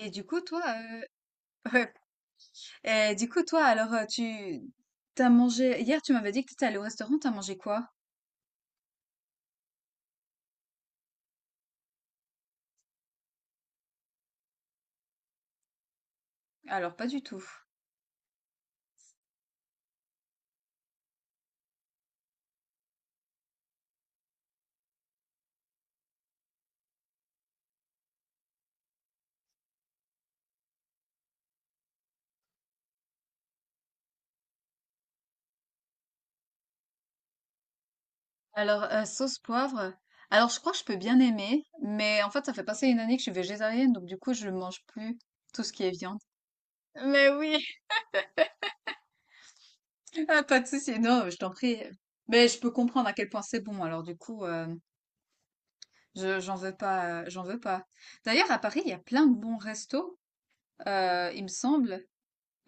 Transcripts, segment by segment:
Et du coup, toi, ouais. Et du coup, toi, alors, tu t'as mangé hier, tu m'avais dit que t'étais allé au restaurant, t'as mangé quoi? Alors, pas du tout. Sauce poivre. Alors, je crois que je peux bien aimer, mais en fait, ça fait passer une année que je suis végétarienne, donc du coup, je ne mange plus tout ce qui est viande. Mais oui, ah, pas de souci. Non, je t'en prie. Mais je peux comprendre à quel point c'est bon. Alors, du coup, j'en veux pas, j'en veux pas. D'ailleurs, à Paris, il y a plein de bons restos, il me semble.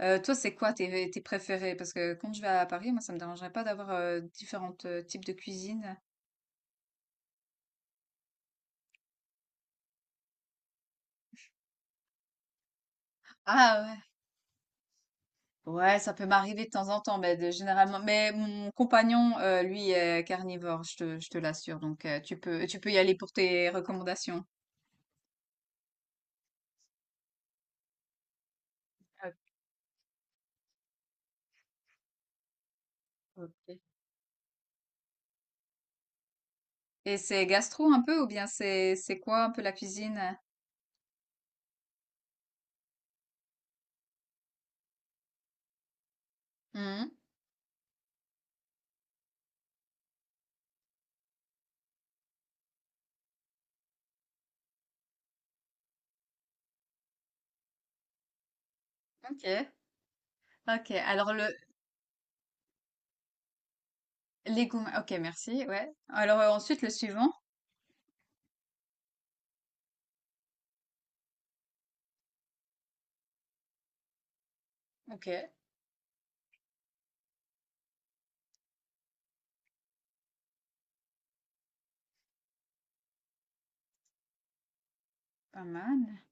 Toi, c'est quoi tes préférés? Parce que quand je vais à Paris, moi, ça me dérangerait pas d'avoir différents types de cuisine. Ah ouais. Ouais, ça peut m'arriver de temps en temps, mais généralement. Mais mon compagnon, lui, est carnivore, je te l'assure. Donc, tu peux y aller pour tes recommandations. Ah, ok. Et c'est gastro un peu, ou bien c'est quoi un peu la cuisine? Mhm. Ok. Ok. Alors, le légumes. Ok, merci. Ouais. Alors, ensuite, le suivant. Ok. Pas mal.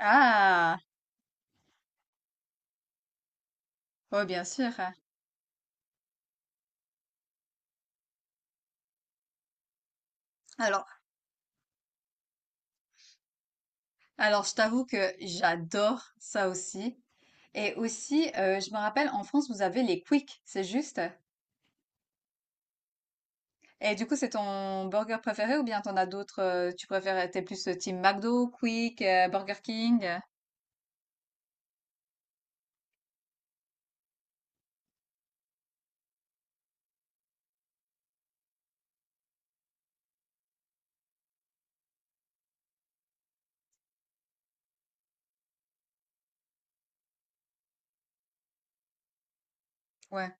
Ah! Oh, bien sûr. Alors, alors, je t'avoue que j'adore ça aussi. Et aussi, je me rappelle, en France, vous avez les Quick, c'est juste? Et du coup, c'est ton burger préféré ou bien t'en as d'autres, t'es plus team McDo, Quick, Burger King? Ouais.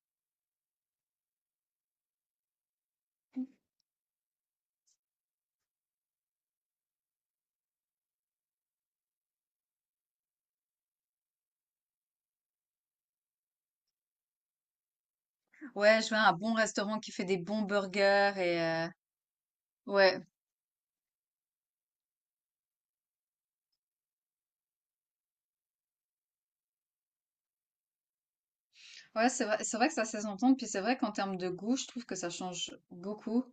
Ouais, je veux un bon restaurant qui fait des bons burgers et, ouais. Ouais, c'est vrai que ça s'est s'entendre. Puis c'est vrai qu'en termes de goût, je trouve que ça change beaucoup.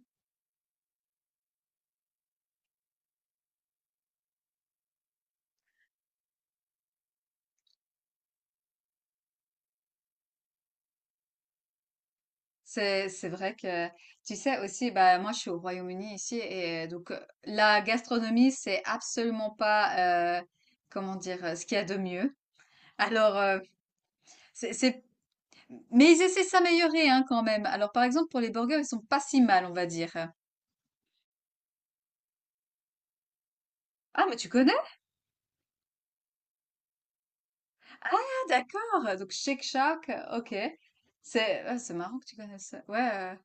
C'est vrai que tu sais aussi bah moi je suis au Royaume-Uni ici et donc la gastronomie c'est absolument pas comment dire ce qu'il y a de mieux. Alors euh, c'est c'est- mais ils essaient de s'améliorer hein, quand même. Alors par exemple pour les burgers ils sont pas si mal on va dire. Ah mais tu connais? Ah d'accord. Donc Shake Shack, ok. C'est marrant que tu connaisses ça. Ouais.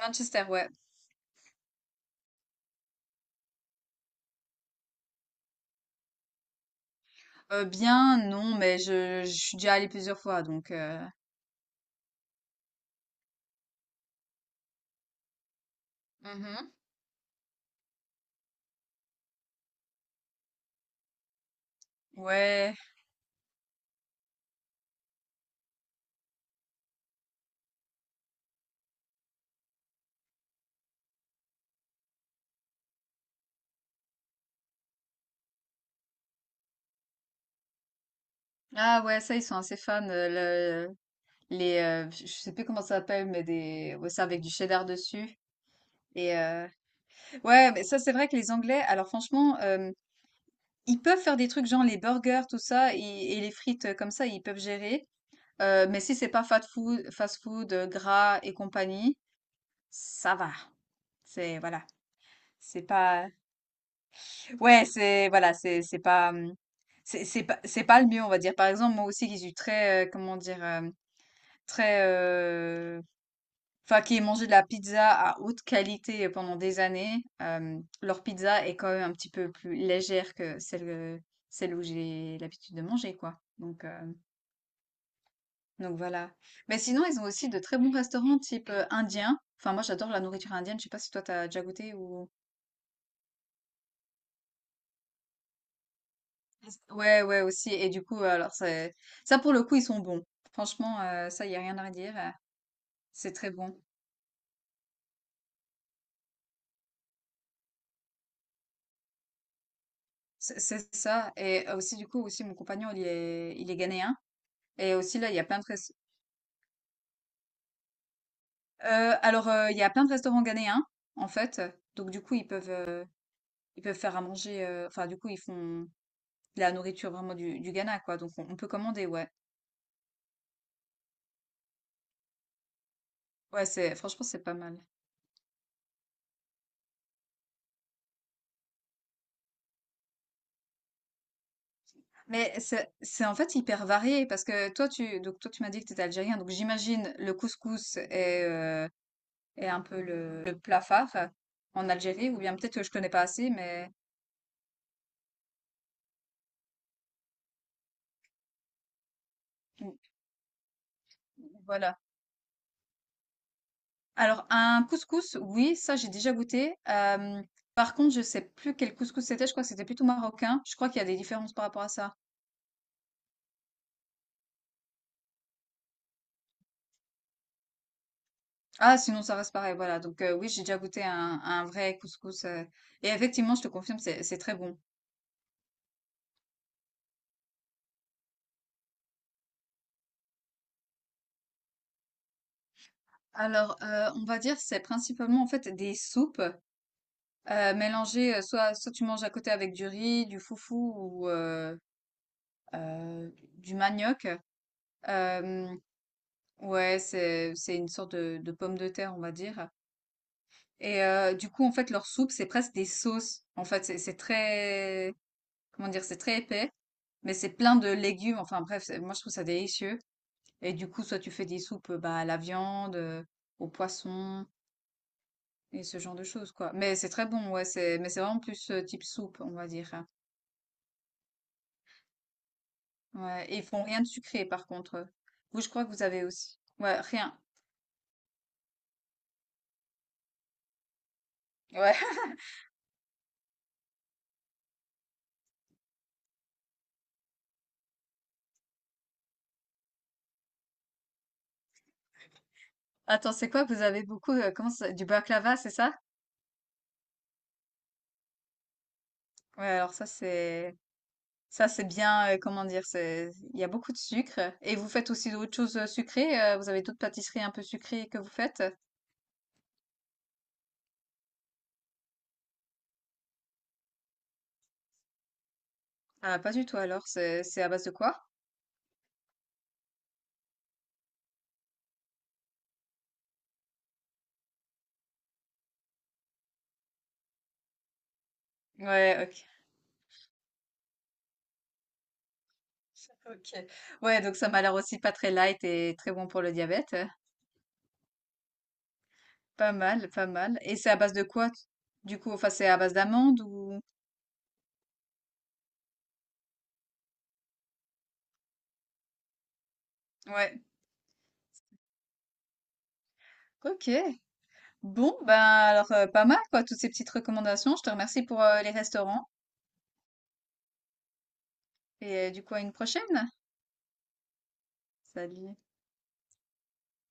Manchester ouais. Bien non, mais je suis déjà allée plusieurs fois donc Mhm. ouais. Ah ouais, ça, ils sont assez fans. Le- les, je sais plus comment ça s'appelle, mais des, ouais, ça avec du cheddar dessus. Et ouais, mais ça, c'est vrai que les Anglais, alors franchement, ils peuvent faire des trucs genre les burgers, tout ça, et les frites comme ça, ils peuvent gérer. Mais si c'est pas fast food, fast food, gras et compagnie, ça va. C'est, voilà. C'est pas, ouais, c'est, voilà, c'est pas le mieux, on va dire. Par exemple, moi aussi, qui suis très, comment dire, très, Enfin, qui ai mangé de la pizza à haute qualité pendant des années, leur pizza est quand même un petit peu plus légère que celle où j'ai l'habitude de manger, quoi. Donc voilà. Mais sinon, ils ont aussi de très bons restaurants type indien. Enfin, moi, j'adore la nourriture indienne. Je sais pas si toi, t'as déjà goûté ou... Ouais, ouais, aussi. Et du coup, alors, c'est... ça, pour le coup, ils sont bons. Franchement, ça, il y a rien à redire. C'est très bon. C'est ça. Et aussi, du coup, aussi, mon compagnon, il est ghanéen. Et aussi, là, il y a plein de, il y a plein de restaurants ghanéens, en fait, donc du coup, ils peuvent faire à manger, du coup, ils font de la nourriture vraiment du Ghana, quoi, donc on peut commander, ouais. Ouais, c'est franchement, c'est pas mal. Mais en fait, hyper varié parce que toi, tu m'as dit que tu étais algérien, donc j'imagine le couscous est, est un peu le plat phare en Algérie ou bien peut-être que je connais pas assez, mais mmh, voilà. Alors un couscous, oui, ça j'ai déjà goûté. Par contre, je sais plus quel couscous c'était, je crois que c'était plutôt marocain. Je crois qu'il y a des différences par rapport à ça. Ah sinon ça reste pareil, voilà. Donc oui, j'ai déjà goûté un vrai couscous, et effectivement, je te confirme, c'est très bon. Alors, on va dire c'est principalement en fait des soupes, mélangées, soit tu manges à côté avec du riz, du foufou ou heu, du manioc. Hem, ouais, c'est une sorte de pomme de terre, on va dire. Et du coup, en fait, leur soupe, c'est presque des sauces. En fait, c'est très, comment dire, c'est très épais, mais c'est plein de légumes. Enfin bref, moi je trouve ça délicieux. Et du coup, soit tu fais des soupes bah, à la viande, au poisson et ce genre de choses, quoi. Mais c'est très bon, ouais. C'est, mais c'est vraiment plus type soupe, on va dire. Hein. Ouais. Et ils font rien de sucré, par contre. Vous, je crois que vous avez aussi. Ouais, rien. Ouais. Attends, c'est quoi? Que Vous avez beaucoup. Comment ça? Du baklava, c'est ça? Ouais. Alors ça, c'est. Ça, c'est bien, comment dire? C'est il y a beaucoup de sucre et vous faites aussi d'autres choses, sucrées, vous avez d'autres pâtisseries un peu sucrées que vous faites? Ah, pas du tout alors, c'est à base de quoi? Ouais, OK. OK. Ouais, donc ça m'a l'air aussi pas très light et très bon pour le diabète. Hein. Pas mal, pas mal et c'est à base de quoi, t du coup? Enfin, c'est à base d'amandes ou? Ouais. OK. Bon, ben, alors, pas mal quoi, toutes ces petites recommandations. Je te remercie pour, les restaurants et du coup, à une prochaine. Salut.